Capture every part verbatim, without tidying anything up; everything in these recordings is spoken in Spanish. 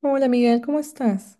Hola Miguel, ¿cómo estás?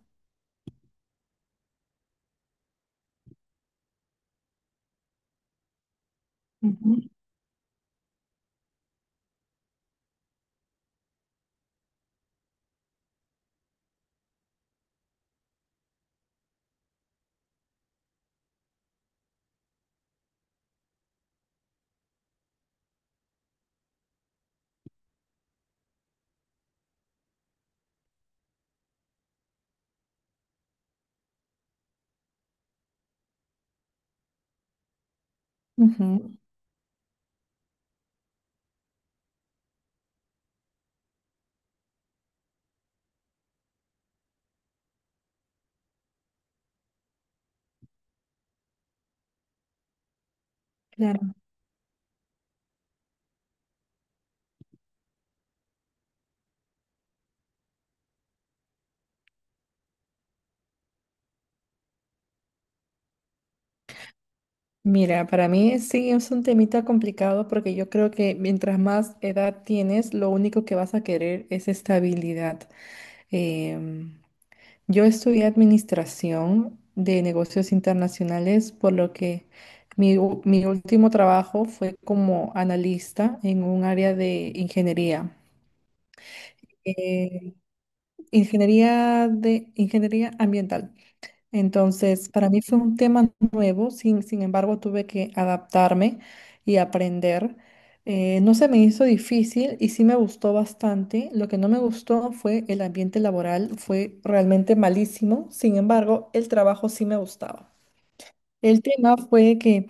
Ujú, claro. Mira, para mí sí es un temita complicado porque yo creo que mientras más edad tienes, lo único que vas a querer es estabilidad. Em, yo estudié administración de negocios internacionales, por lo que mi, u- mi último trabajo fue como analista en un área de ingeniería, eh, ingeniería de ingeniería ambiental. Entonces, para mí fue un tema nuevo, sin, sin embargo, tuve que adaptarme y aprender. Eh, no se me hizo difícil y sí me gustó bastante. Lo que no me gustó fue el ambiente laboral, fue realmente malísimo. Sin embargo, el trabajo sí me gustaba. El tema fue que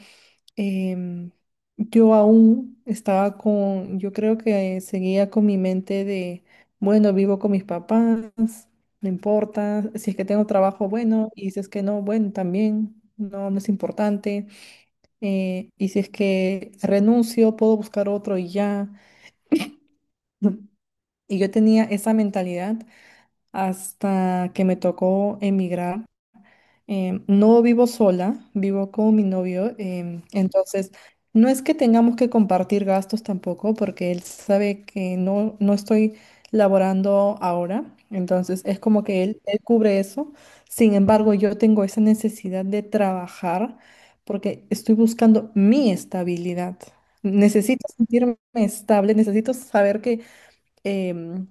em, yo aún estaba con, yo creo que seguía con mi mente de, bueno, vivo con mis papás, no importa, si es que tengo trabajo, bueno, y si es que no, bueno, también, no, no es importante, eh, y si es que renuncio, puedo buscar otro y ya. Y yo tenía esa mentalidad hasta que me tocó emigrar. Em, no vivo sola, vivo con mi novio, em, entonces no es que tengamos que compartir gastos tampoco, porque él sabe que no, no estoy laborando ahora, entonces es como que él, él cubre eso. Sin embargo, yo tengo esa necesidad de trabajar porque estoy buscando mi estabilidad. Necesito sentirme estable, necesito saber que em,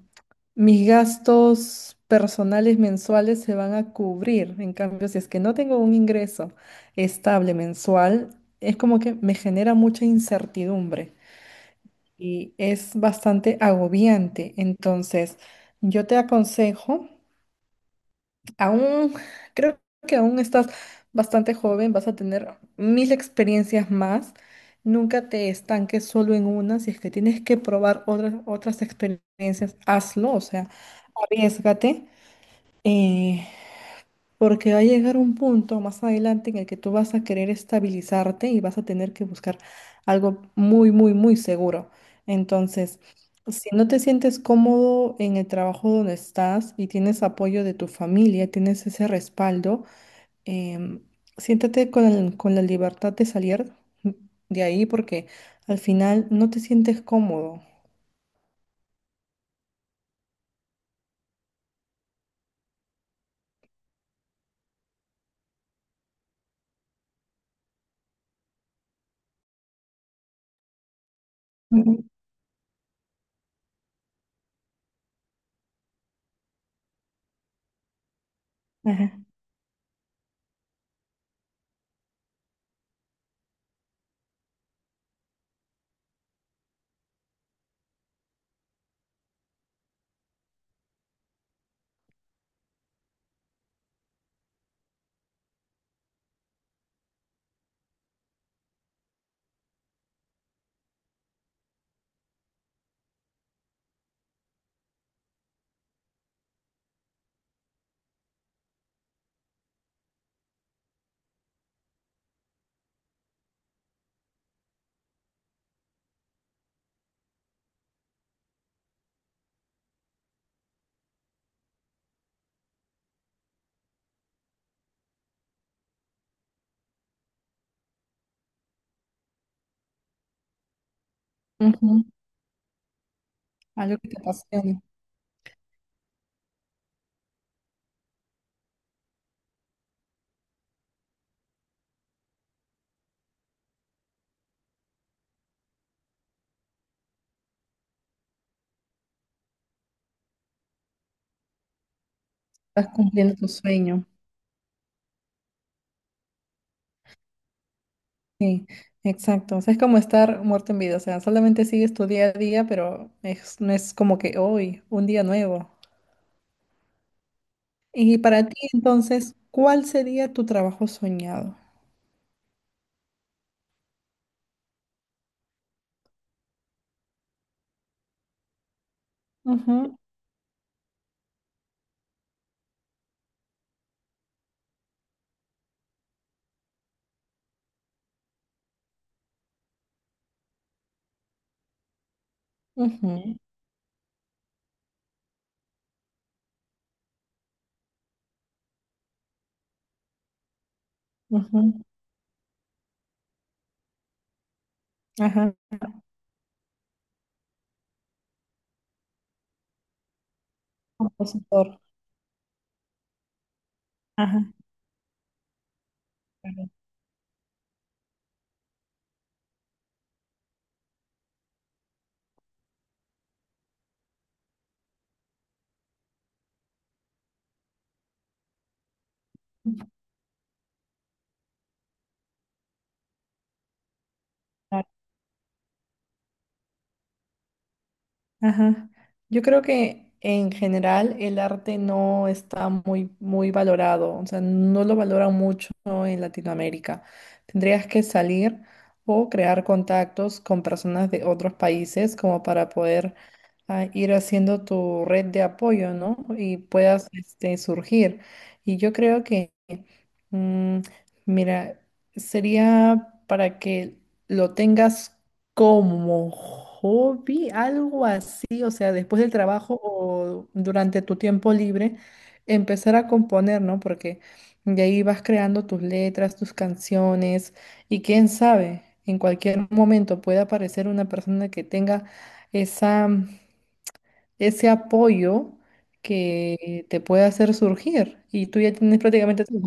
mis gastos personales mensuales se van a cubrir. En cambio, si es que no tengo un ingreso estable mensual, es como que me genera mucha incertidumbre y es bastante agobiante. Entonces, yo te aconsejo Aún, creo que aún estás bastante joven, vas a tener mil experiencias más. Nunca te estanques solo en una. Si es que tienes que probar otras, otras experiencias, hazlo, o sea, arriésgate. Eh, Porque va a llegar un punto más adelante en el que tú vas a querer estabilizarte y vas a tener que buscar algo muy, muy, muy seguro. Entonces, si no te sientes cómodo en el trabajo donde estás y tienes apoyo de tu familia, tienes ese respaldo, em, siéntate con, el- con la libertad de salir de ahí porque al final no te sientes cómodo. Ujú. Ajá. Ujú. Algo que te apasiona, estás cumpliendo tu sueño. Sí, exacto. O sea, es como estar muerto en vida. O sea, solamente sigues tu día a día, pero es- no es como que hoy, un día nuevo. Y para ti, entonces, ¿cuál sería tu trabajo soñado? Ujú, ujú, ujú. Ajá, compositor. Ajá, claro. Ajá. Yo creo que en general el arte no está muy, muy valorado, o sea, no lo valora mucho en Latinoamérica. Tendrías que salir o crear contactos con personas de otros países como para poder ah, ir haciendo tu red de apoyo, ¿no? Y puedas este, surgir. Y yo creo que, mm, mira, sería para que lo tengas. Como hobby, algo así, o sea, después del trabajo o durante tu tiempo libre, empezar a componer, ¿no? Porque de ahí vas creando tus letras, tus canciones y quién sabe, en cualquier momento puede aparecer una persona que tenga esa, ese apoyo que te puede hacer surgir y tú ya tienes prácticamente todo.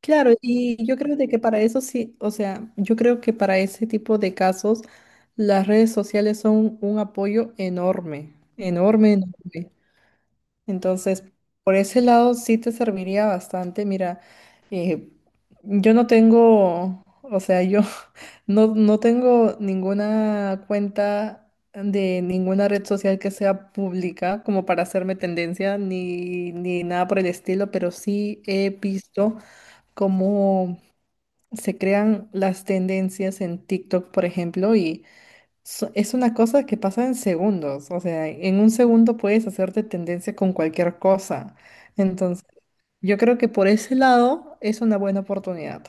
Claro, y yo creo de que para eso sí, o sea, yo creo que para ese tipo de casos las redes sociales son un apoyo enorme, enorme, enorme. Entonces, por ese lado sí te serviría bastante. Mira, eh, yo no tengo, o sea, yo no, no tengo ninguna cuenta de ninguna red social que sea pública como para hacerme tendencia ni, ni nada por el estilo, pero sí he visto como se crean las tendencias en TikTok, por ejemplo, y so- es una cosa que pasa en segundos. O sea, en un segundo puedes hacerte tendencia con cualquier cosa. Entonces, yo creo que por ese lado es una buena oportunidad.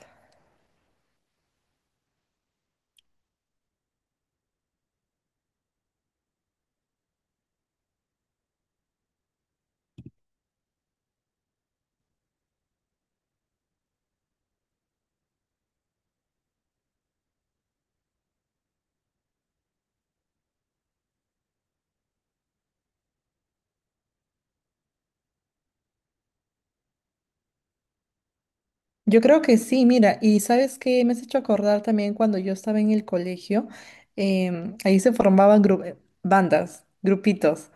Yo creo que sí, mira, y sabes que me has hecho acordar también cuando yo estaba en el colegio, em, ahí se formaban gru- eh, bandas, grupitos,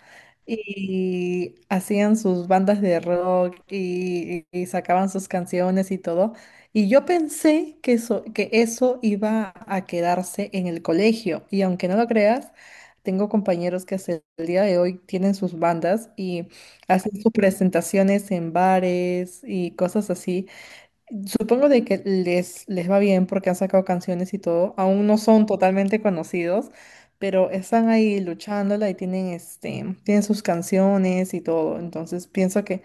y hacían sus bandas de rock y, y- y sacaban sus canciones y todo. Y yo pensé que eso, que eso iba a quedarse en el colegio, y aunque no lo creas, tengo compañeros que hasta el día de hoy tienen sus bandas y hacen sus presentaciones en bares y cosas así. Supongo de que les, les va bien porque han sacado canciones y todo. Aún no son totalmente conocidos, pero están ahí luchándola y tienen, este, tienen sus canciones y todo. Entonces pienso que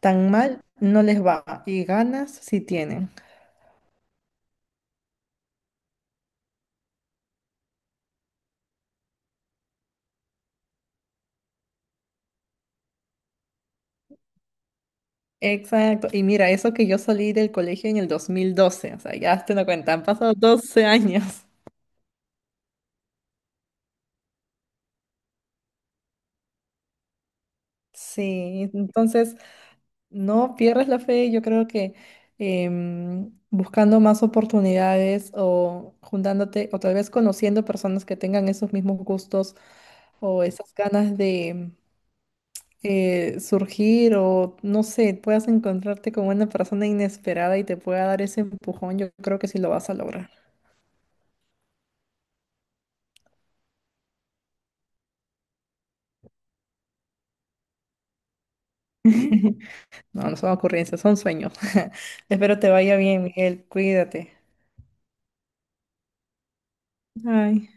tan mal no les va y ganas sí tienen. Exacto. Y mira, eso que yo salí del colegio en el dos mil doce, o sea, ya te lo cuentan, han pasado doce años. Sí, entonces No pierdes la fe, yo creo que em, buscando más oportunidades o juntándote o tal vez conociendo personas que tengan esos mismos gustos o esas ganas de eh, surgir o no sé, puedas encontrarte con una persona inesperada y te pueda dar ese empujón, yo creo que sí lo vas a lograr. No, no son ocurrencias, son sueños. Espero te vaya bien, Miguel, cuídate. Ay.